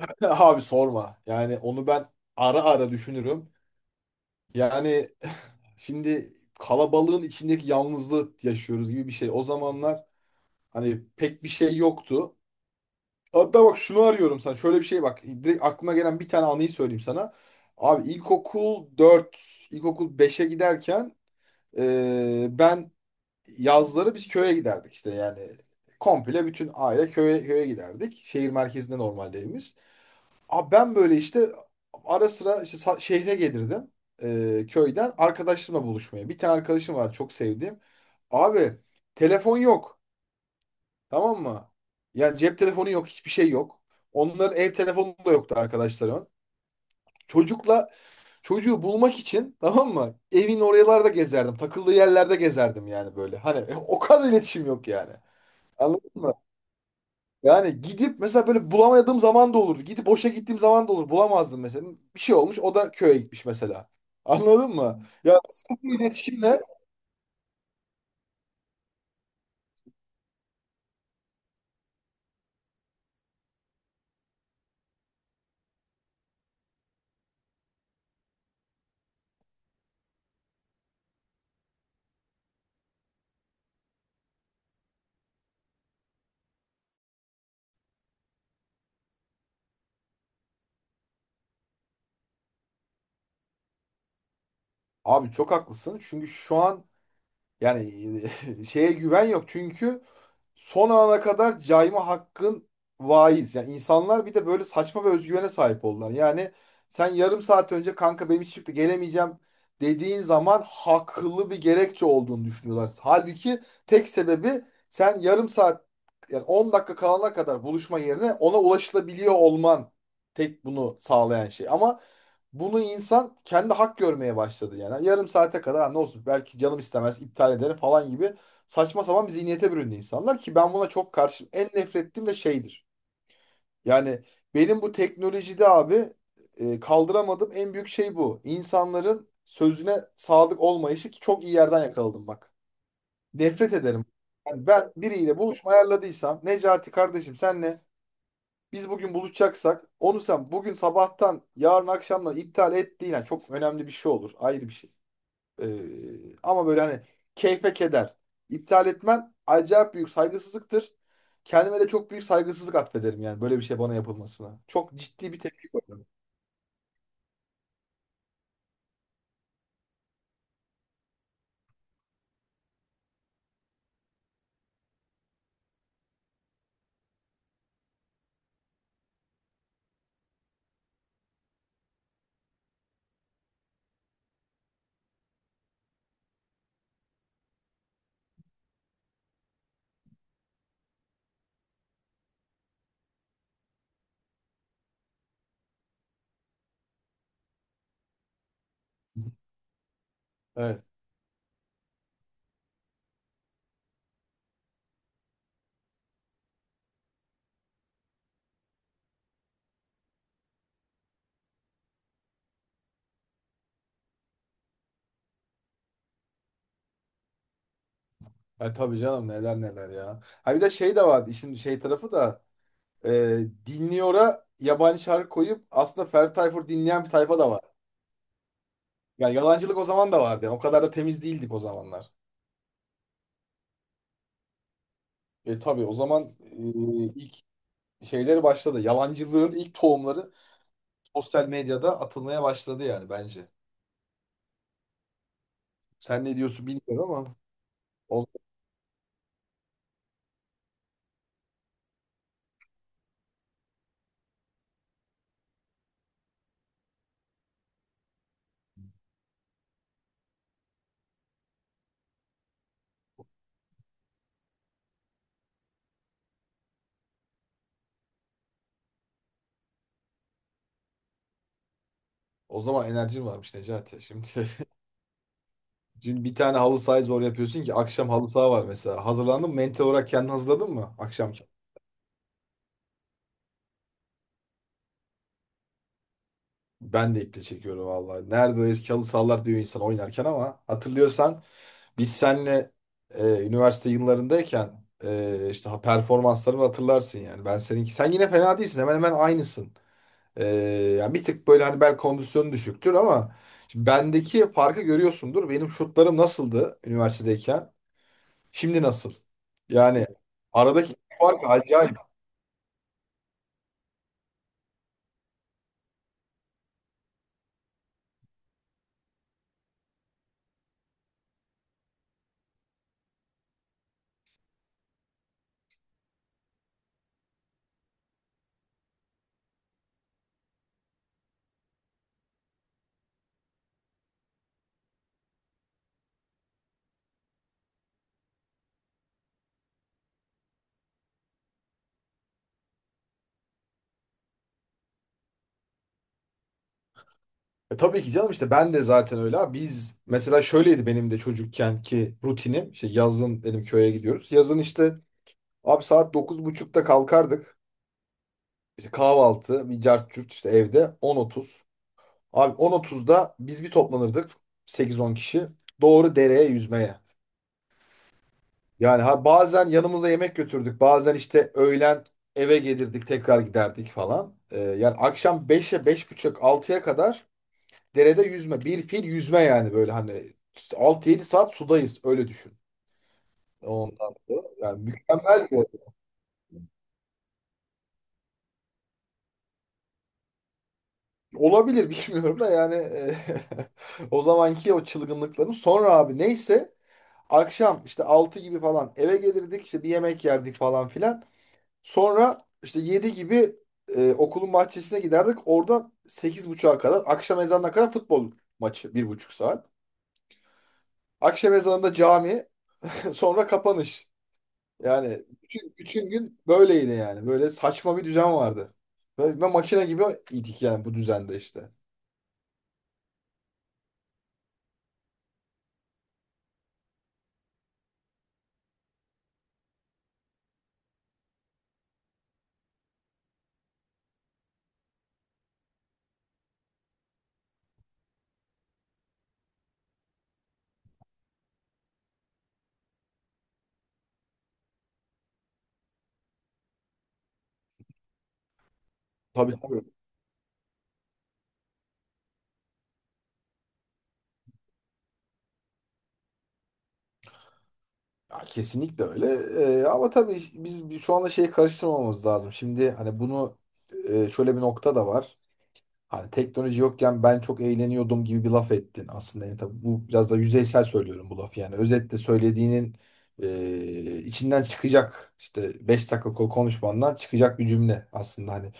Abi sorma. Yani onu ben ara ara düşünürüm. Yani şimdi kalabalığın içindeki yalnızlığı yaşıyoruz gibi bir şey. O zamanlar hani pek bir şey yoktu. Hatta bak şunu arıyorum sana. Şöyle bir şey bak. Direkt aklıma gelen bir tane anıyı söyleyeyim sana. Abi ilkokul 4 ilkokul beşe giderken ben yazları biz köye giderdik işte yani. Komple bütün aile köye, köye giderdik. Şehir merkezinde normalde evimiz. Abi ben böyle işte ara sıra işte şehre gelirdim, köyden arkadaşlarımla buluşmaya. Bir tane arkadaşım var çok sevdiğim. Abi telefon yok, tamam mı? Yani cep telefonu yok, hiçbir şey yok. Onların ev telefonu da yoktu arkadaşlarımın. Çocukla Çocuğu bulmak için, tamam mı? Evin oralarda gezerdim. Takıldığı yerlerde gezerdim yani böyle. Hani o kadar iletişim yok yani. Anladın mı? Yani gidip mesela böyle bulamadığım zaman da olurdu. Gidip boşa gittiğim zaman da olur. Bulamazdım mesela. Bir şey olmuş, o da köye gitmiş mesela. Anladın mı? Ya bu iletişimle abi çok haklısın. Çünkü şu an yani şeye güven yok. Çünkü son ana kadar cayma hakkın vaiz. Yani insanlar bir de böyle saçma ve özgüvene sahip oldular. Yani sen yarım saat önce kanka benim hiç çıktı gelemeyeceğim dediğin zaman haklı bir gerekçe olduğunu düşünüyorlar. Halbuki tek sebebi sen yarım saat yani 10 dakika kalana kadar buluşma yerine ona ulaşılabiliyor olman, tek bunu sağlayan şey. Ama bunu insan kendi hak görmeye başladı yani. Yarım saate kadar "Ha, ne olsun belki canım istemez iptal ederim falan gibi saçma sapan bir zihniyete büründü insanlar ki ben buna çok karşıyım. En nefret ettiğim de şeydir. Yani benim bu teknolojide abi kaldıramadığım en büyük şey bu. İnsanların sözüne sadık olmayışı, ki çok iyi yerden yakaladım bak. Nefret ederim. Yani ben biriyle buluşma ayarladıysam, Necati kardeşim, senle biz bugün buluşacaksak onu sen bugün sabahtan yarın akşamdan iptal et değil. Yani çok önemli bir şey olur, ayrı bir şey. Ama böyle hani keyfe keder. İptal etmen acayip büyük saygısızlıktır. Kendime de çok büyük saygısızlık atfederim yani böyle bir şey bana yapılmasına. Çok ciddi bir tepki koyarım. Evet. E tabii canım, neler neler ya. Ha bir de şey de vardı işin şey tarafı da, e, dinliyora yabancı şarkı koyup aslında Ferdi Tayfur dinleyen bir tayfa da var. Yani yalancılık o zaman da vardı. Yani o kadar da temiz değildik o zamanlar. E tabii o zaman, ilk şeyleri başladı. Yalancılığın ilk tohumları sosyal medyada atılmaya başladı yani bence. Sen ne diyorsun bilmiyorum ama o, o zaman enerjin varmış Necati. Şimdi dün bir tane halı sahayı zor yapıyorsun ki akşam halı saha var mesela. Hazırlandın mı? Mental olarak kendini hazırladın mı akşam? Ben de iple çekiyorum vallahi. Nerede o eski halı sahalar diyor insan oynarken, ama hatırlıyorsan biz seninle üniversite yıllarındayken, işte performanslarını hatırlarsın yani. Ben seninki. Sen yine fena değilsin. Hemen hemen aynısın. Ee, yani bir tık böyle hani bel kondisyonu düşüktür, ama şimdi bendeki farkı görüyorsundur. Benim şutlarım nasıldı üniversitedeyken? Şimdi nasıl? Yani aradaki fark acayip. E tabii ki canım, işte ben de zaten öyle abi. Biz mesela şöyleydi benim de çocukken ki rutinim. İşte yazın dedim köye gidiyoruz. Yazın işte abi saat dokuz buçukta kalkardık. İşte kahvaltı, bir cart curt işte evde on otuz. Abi 10.30'da biz bir toplanırdık sekiz on kişi. Doğru dereye yüzmeye. Yani ha bazen yanımıza yemek götürdük. Bazen işte öğlen eve gelirdik, tekrar giderdik falan. Yani akşam beşe, beş buçuk altıya kadar derede yüzme. Bir fil yüzme, yani böyle hani 6 yedi saat sudayız, öyle düşün. Ondan dolayı, yani mükemmel bir olabilir bilmiyorum da yani o zamanki o çılgınlıkların sonra abi neyse akşam işte 6 gibi falan eve gelirdik, işte bir yemek yerdik falan filan. Sonra işte 7 gibi okulun bahçesine giderdik. Oradan 8.30'a kadar, akşam ezanına kadar futbol maçı, bir buçuk saat. Akşam ezanında cami, sonra kapanış. Yani bütün, bütün gün böyleydi yani. Böyle saçma bir düzen vardı. Böyle, ve makine gibi idik yani bu düzende işte. Tabii, tabii. Ya kesinlikle öyle. Ama tabii biz şu anda şeyi karıştırmamamız lazım. Şimdi hani bunu, şöyle bir nokta da var. Hani teknoloji yokken ben çok eğleniyordum gibi bir laf ettin aslında. Yani tabii bu biraz da yüzeysel söylüyorum bu lafı. Yani özetle söylediğinin içinden çıkacak işte 5 dakika konuşmandan çıkacak bir cümle aslında. Hani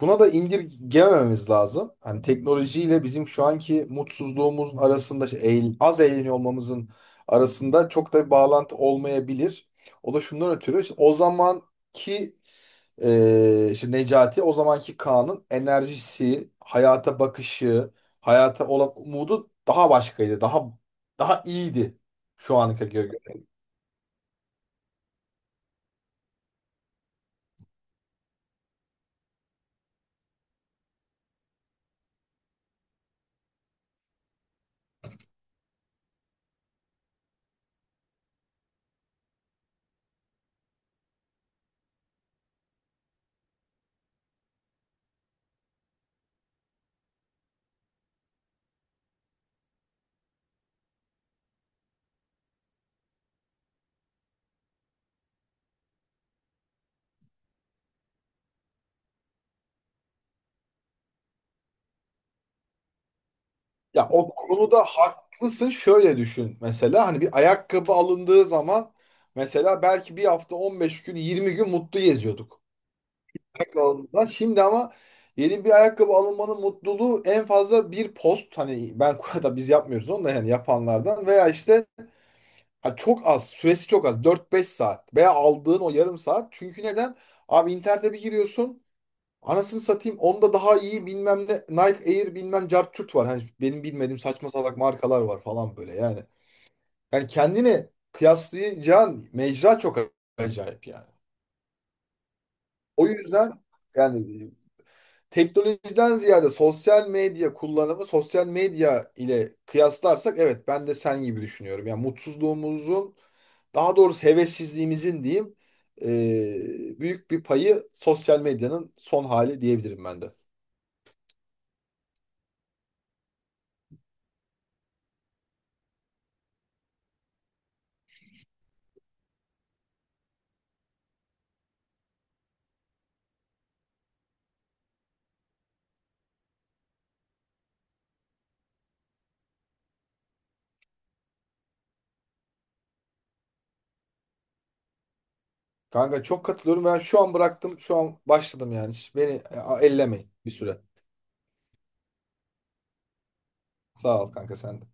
buna da indirgemememiz lazım. Hani teknolojiyle bizim şu anki mutsuzluğumuzun arasında, işte az eğleniyor olmamızın arasında çok da bir bağlantı olmayabilir. O da şundan ötürü, işte o zamanki işte Necati, o zamanki Kaan'ın enerjisi, hayata bakışı, hayata olan umudu daha başkaydı. Daha daha iyiydi şu anki göre. Ya o konuda haklısın. Şöyle düşün mesela, hani bir ayakkabı alındığı zaman mesela belki bir hafta, 15 gün, 20 gün mutlu geziyorduk. Ayakkabı alındığında. Şimdi ama yeni bir ayakkabı alınmanın mutluluğu en fazla bir post, hani ben da biz yapmıyoruz onu da, yani yapanlardan veya işte. Abi çok az. Süresi çok az. Dört beş saat. Veya aldığın o yarım saat. Çünkü neden? Abi internete bir giriyorsun. Anasını satayım. Onda daha iyi bilmem ne. Nike Air bilmem cartçurt var. Hani benim bilmediğim saçma salak markalar var falan böyle yani. Yani kendini kıyaslayacağın mecra çok acayip yani. O yüzden yani teknolojiden ziyade sosyal medya kullanımı, sosyal medya ile kıyaslarsak evet, ben de sen gibi düşünüyorum. Yani mutsuzluğumuzun, daha doğrusu hevessizliğimizin diyeyim, büyük bir payı sosyal medyanın son hali diyebilirim ben de. Kanka çok katılıyorum. Ben şu an bıraktım, şu an başladım yani. Hiç beni, ellemeyin bir süre. Sağ ol kanka, sen de.